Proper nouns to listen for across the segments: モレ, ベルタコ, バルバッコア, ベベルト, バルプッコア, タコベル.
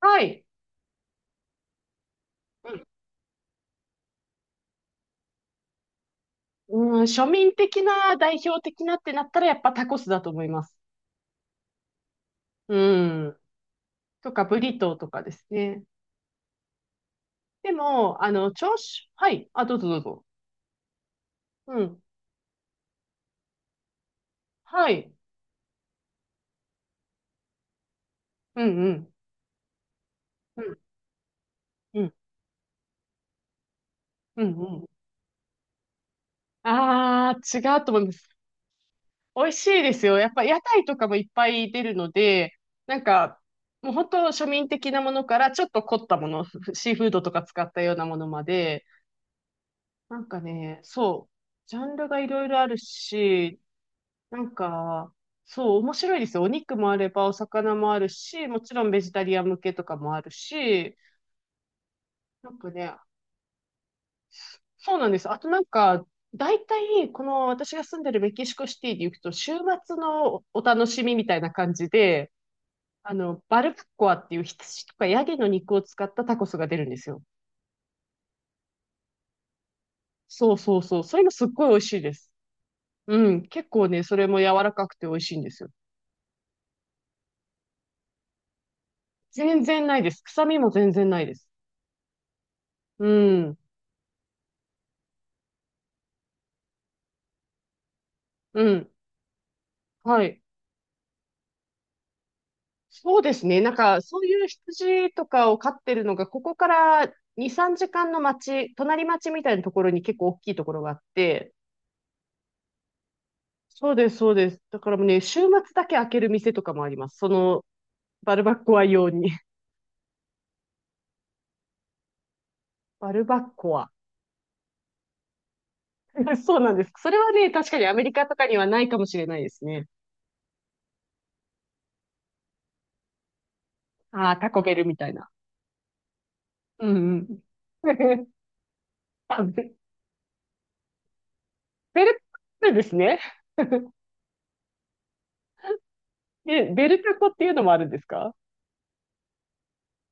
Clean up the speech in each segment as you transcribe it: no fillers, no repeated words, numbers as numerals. はい。うん、うん、庶民的な、代表的なってなったら、やっぱタコスだと思います。うん。とか、ブリトーとかですね。でも、朝食、はい。あ、どうぞどうぞ。うん。はい。うんうん。うんうん。うんうん。ああ、違うと思います。美味しいですよ。やっぱ屋台とかもいっぱい出るので、なんか、もう本当庶民的なものから、ちょっと凝ったもの、シーフードとか使ったようなものまで、なんかね、そう。ジャンルがいろいろあるし、なんか、そう、面白いですよ。お肉もあれば、お魚もあるし、もちろんベジタリアン向けとかもあるし、なんかね、そうなんです。あとなんか、大体、この私が住んでるメキシコシティに行くと、週末のお楽しみみたいな感じで、バルプッコアっていう羊とかヤギの肉を使ったタコスが出るんですよ。そうそうそう。それもすっごい美味しいです。うん。結構ね、それも柔らかくて美味しいんですよ。全然ないです。臭みも全然ないです。うん。うん。はい。そうですね。なんか、そういう羊とかを飼ってるのが、ここから2、3時間の町、隣町みたいなところに結構大きいところがあって、そうです、そうです。だからもうね、週末だけ開ける店とかもあります。その、バルバッコア用に。バルバッコア。そうなんです。それはね、確かにアメリカとかにはないかもしれないですね。ああ、タコベルみたいな。うんうん。あ、ベベルトですね。え、ベルタコっていうのもあるんですか？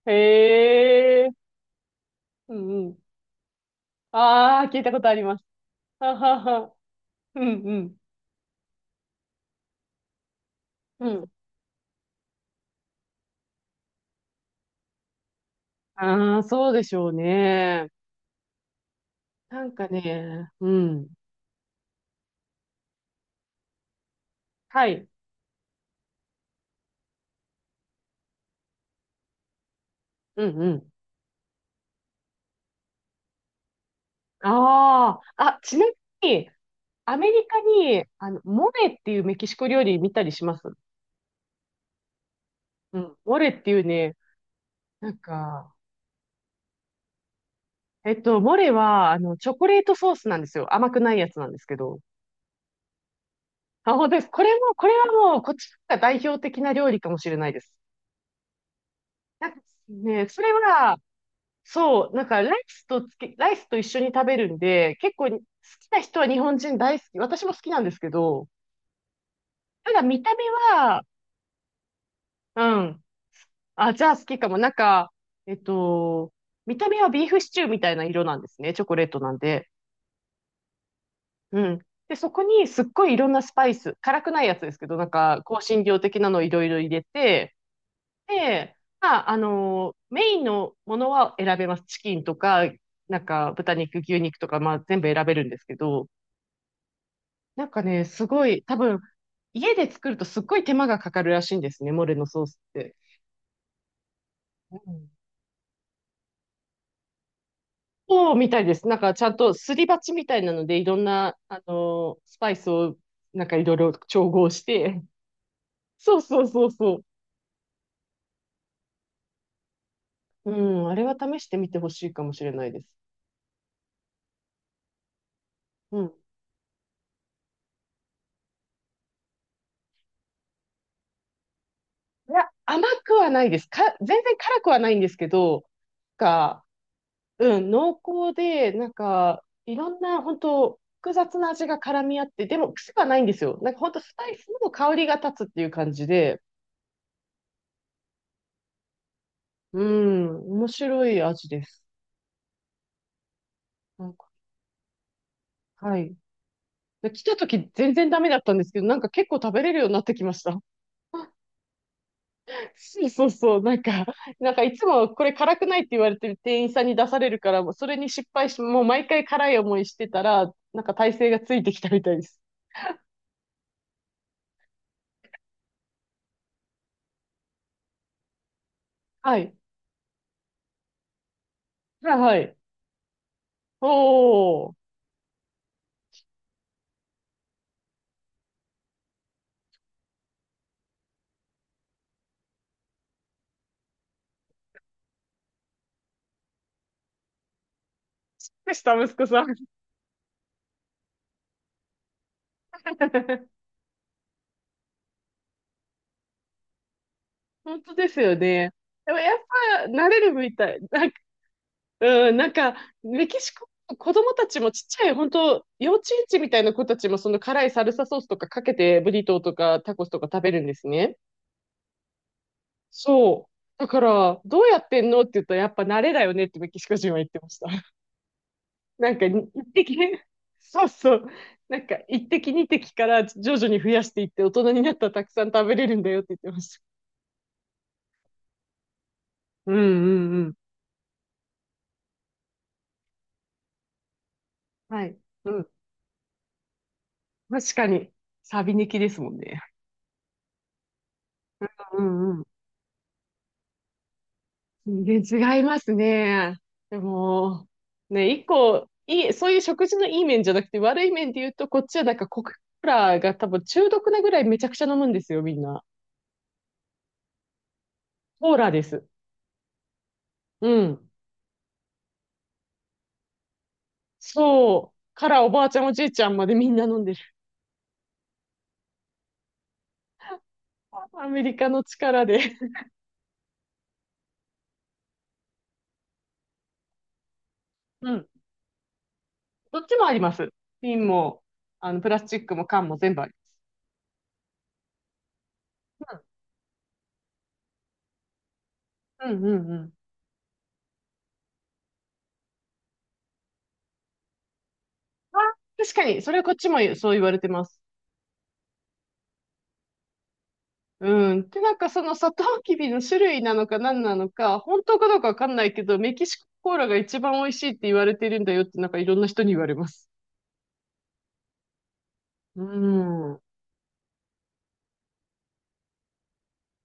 へえ、うんうん。ああ、聞いたことあります。ははは。うんうん。うん。ああ、そうでしょうね。なんかね、うん。はい。うんうん。ああ、あ、ちなみに、アメリカに、モレっていうメキシコ料理見たりしますうん。モレっていうね、なんか、モレは、チョコレートソースなんですよ。甘くないやつなんですけど。あ、本当です。これはもう、こっちが代表的な料理かもしれないです。なんかね、それは、そう、なんかライスと一緒に食べるんで、結構好きな人は日本人大好き。私も好きなんですけど、ただ見た目は、うん。あ、じゃあ好きかも。なんか、えっと、見た目はビーフシチューみたいな色なんですね。チョコレートなんで。うん。で、そこにすっごいいろんなスパイス、辛くないやつですけど、なんか、香辛料的なのをいろいろ入れて、で、まあ、メインのものは選べます。チキンとか、なんか豚肉、牛肉とか、まあ全部選べるんですけど、なんかね、すごい、多分、家で作るとすっごい手間がかかるらしいんですね、モレのソースって。うん、そうみたいです。なんかちゃんとすり鉢みたいなので、いろんな、スパイスを、なんかいろいろ調合して。そうそうそうそう。うん、あれは試してみてほしいかもしれないです。うん、いや、甘くはないです。全然辛くはないんですけど、が、うん、濃厚で、なんか、いろんな、本当複雑な味が絡み合って、でも癖はないんですよ。なんか本当スパイスの香りが立つっていう感じで、うん、面白い味です。なんか、はい。で来た時全然ダメだったんですけど、なんか結構食べれるようになってきました。そうそうそう、なんか、いつもこれ辛くないって言われてる店員さんに出されるから、もうそれに失敗し、もう毎回辛い思いしてたら、なんか体勢がついてきたみたいです。はい。はいはい。おー。でした、息子さん。本当ですよね。でもやっぱ慣れるみたい。なんか、うん、メキシコ、子供たちもちっちゃい、本当幼稚園児みたいな子たちもその辛いサルサソースとかかけてブリトーとかタコスとか食べるんですね。そう。だから、どうやってんのって言ったら、やっぱ慣れだよねってメキシコ人は言ってました。なんか、一滴、そうそう。なんか、一滴二滴から徐々に増やしていって、大人になったらたくさん食べれるんだよって言ってました。うんうんうん。はい。うん。確かに、サビ抜きですもんね。うんうん。全然違いますね。でも、ね、一個、いい、そういう食事のいい面じゃなくて、悪い面で言うと、こっちはなんかコクーラが多分中毒なぐらいめちゃくちゃ飲むんですよ、みんな。コーラです。うん。そう。からおばあちゃんおじいちゃんまでみんな飲んでる。アメリカの力で。うん。どっちもあります。瓶も、プラスチックも缶も全部あります。うん。うんうんうん。あ、確かに、それこっちもそう言われてます。うん。で、なんかそのサトウキビの種類なのか何なのか、本当かどうかわかんないけど、メキシココーラが一番美味しいって言われてるんだよって、なんかいろんな人に言われます。うん。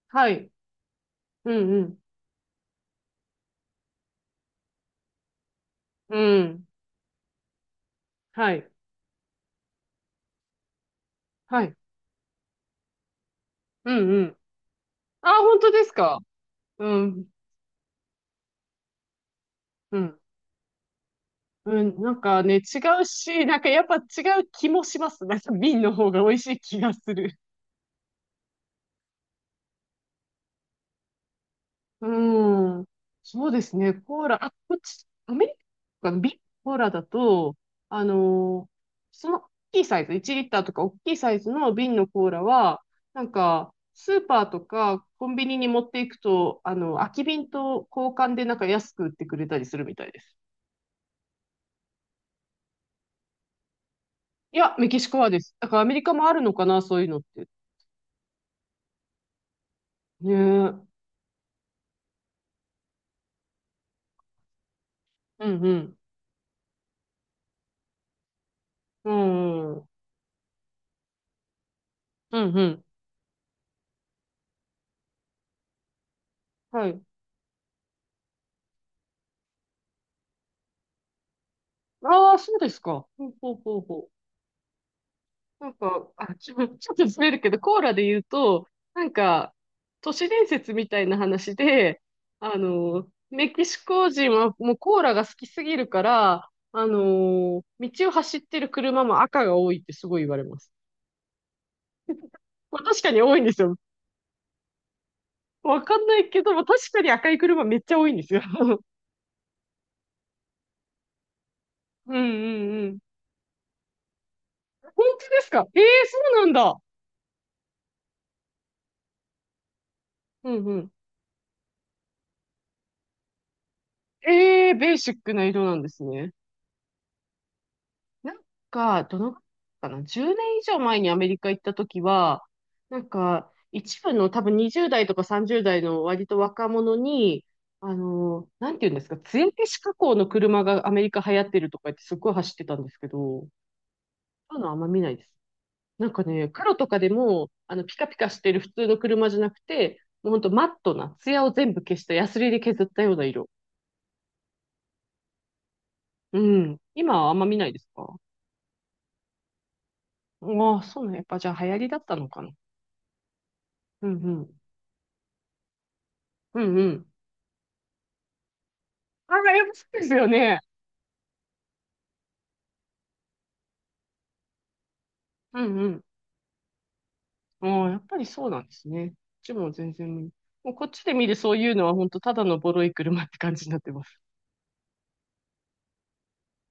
はい。うんうん。うん。はい。はい。うんうん。あ、本当ですか。うん、うん、うん。なんかね、違うし、なんかやっぱ違う気もします。なんか瓶の方が美味しい気がする。うん。そうですね、コーラ。あ、こっち、アメリカの瓶コーラだと、あのーその大きいサイズ、1リッターとか大きいサイズの瓶のコーラは、なんか、スーパーとかコンビニに持っていくと、空き瓶と交換でなんか安く売ってくれたりするみたいです。いや、メキシコはです。だからアメリカもあるのかな、そういうのって。ねえ。うんうん。うん。うんうん。はい。ああ、そうですか。ほうほうほうほう。なんか、あ、ちょっとずれるけど、コーラで言うと、なんか、都市伝説みたいな話で、メキシコ人はもうコーラが好きすぎるから、道を走ってる車も赤が多いってすごい言われます。まあ、確かに多いんですよ。わかんないけども、確かに赤い車めっちゃ多いんですよ。うんうんうん。本当ですか？ええー、そうなんだ。うんうん。ええー、ベーシックな色なんですね。なんか、どの、かな？ 10 年以上前にアメリカ行った時は、なんか、一部の多分20代とか30代の割と若者に、なんていうんですか、艶消し加工の車がアメリカ流行ってるとか言ってすっごい走ってたんですけど、そういうのあんま見ないです。なんかね、黒とかでも、ピカピカしてる普通の車じゃなくて、もうほんとマットな、ツヤを全部消した、ヤスリで削ったような色。うん。今はあんま見ないですか？ああ、そうね。やっぱじゃあ流行りだったのかな。うんうん。うんうん。ああ、やっぱそうですよね。うんうん。ああ、やっぱりそうなんですね。こっちも全然見、もうこっちで見るそういうのは本当ただのボロい車って感じになってます。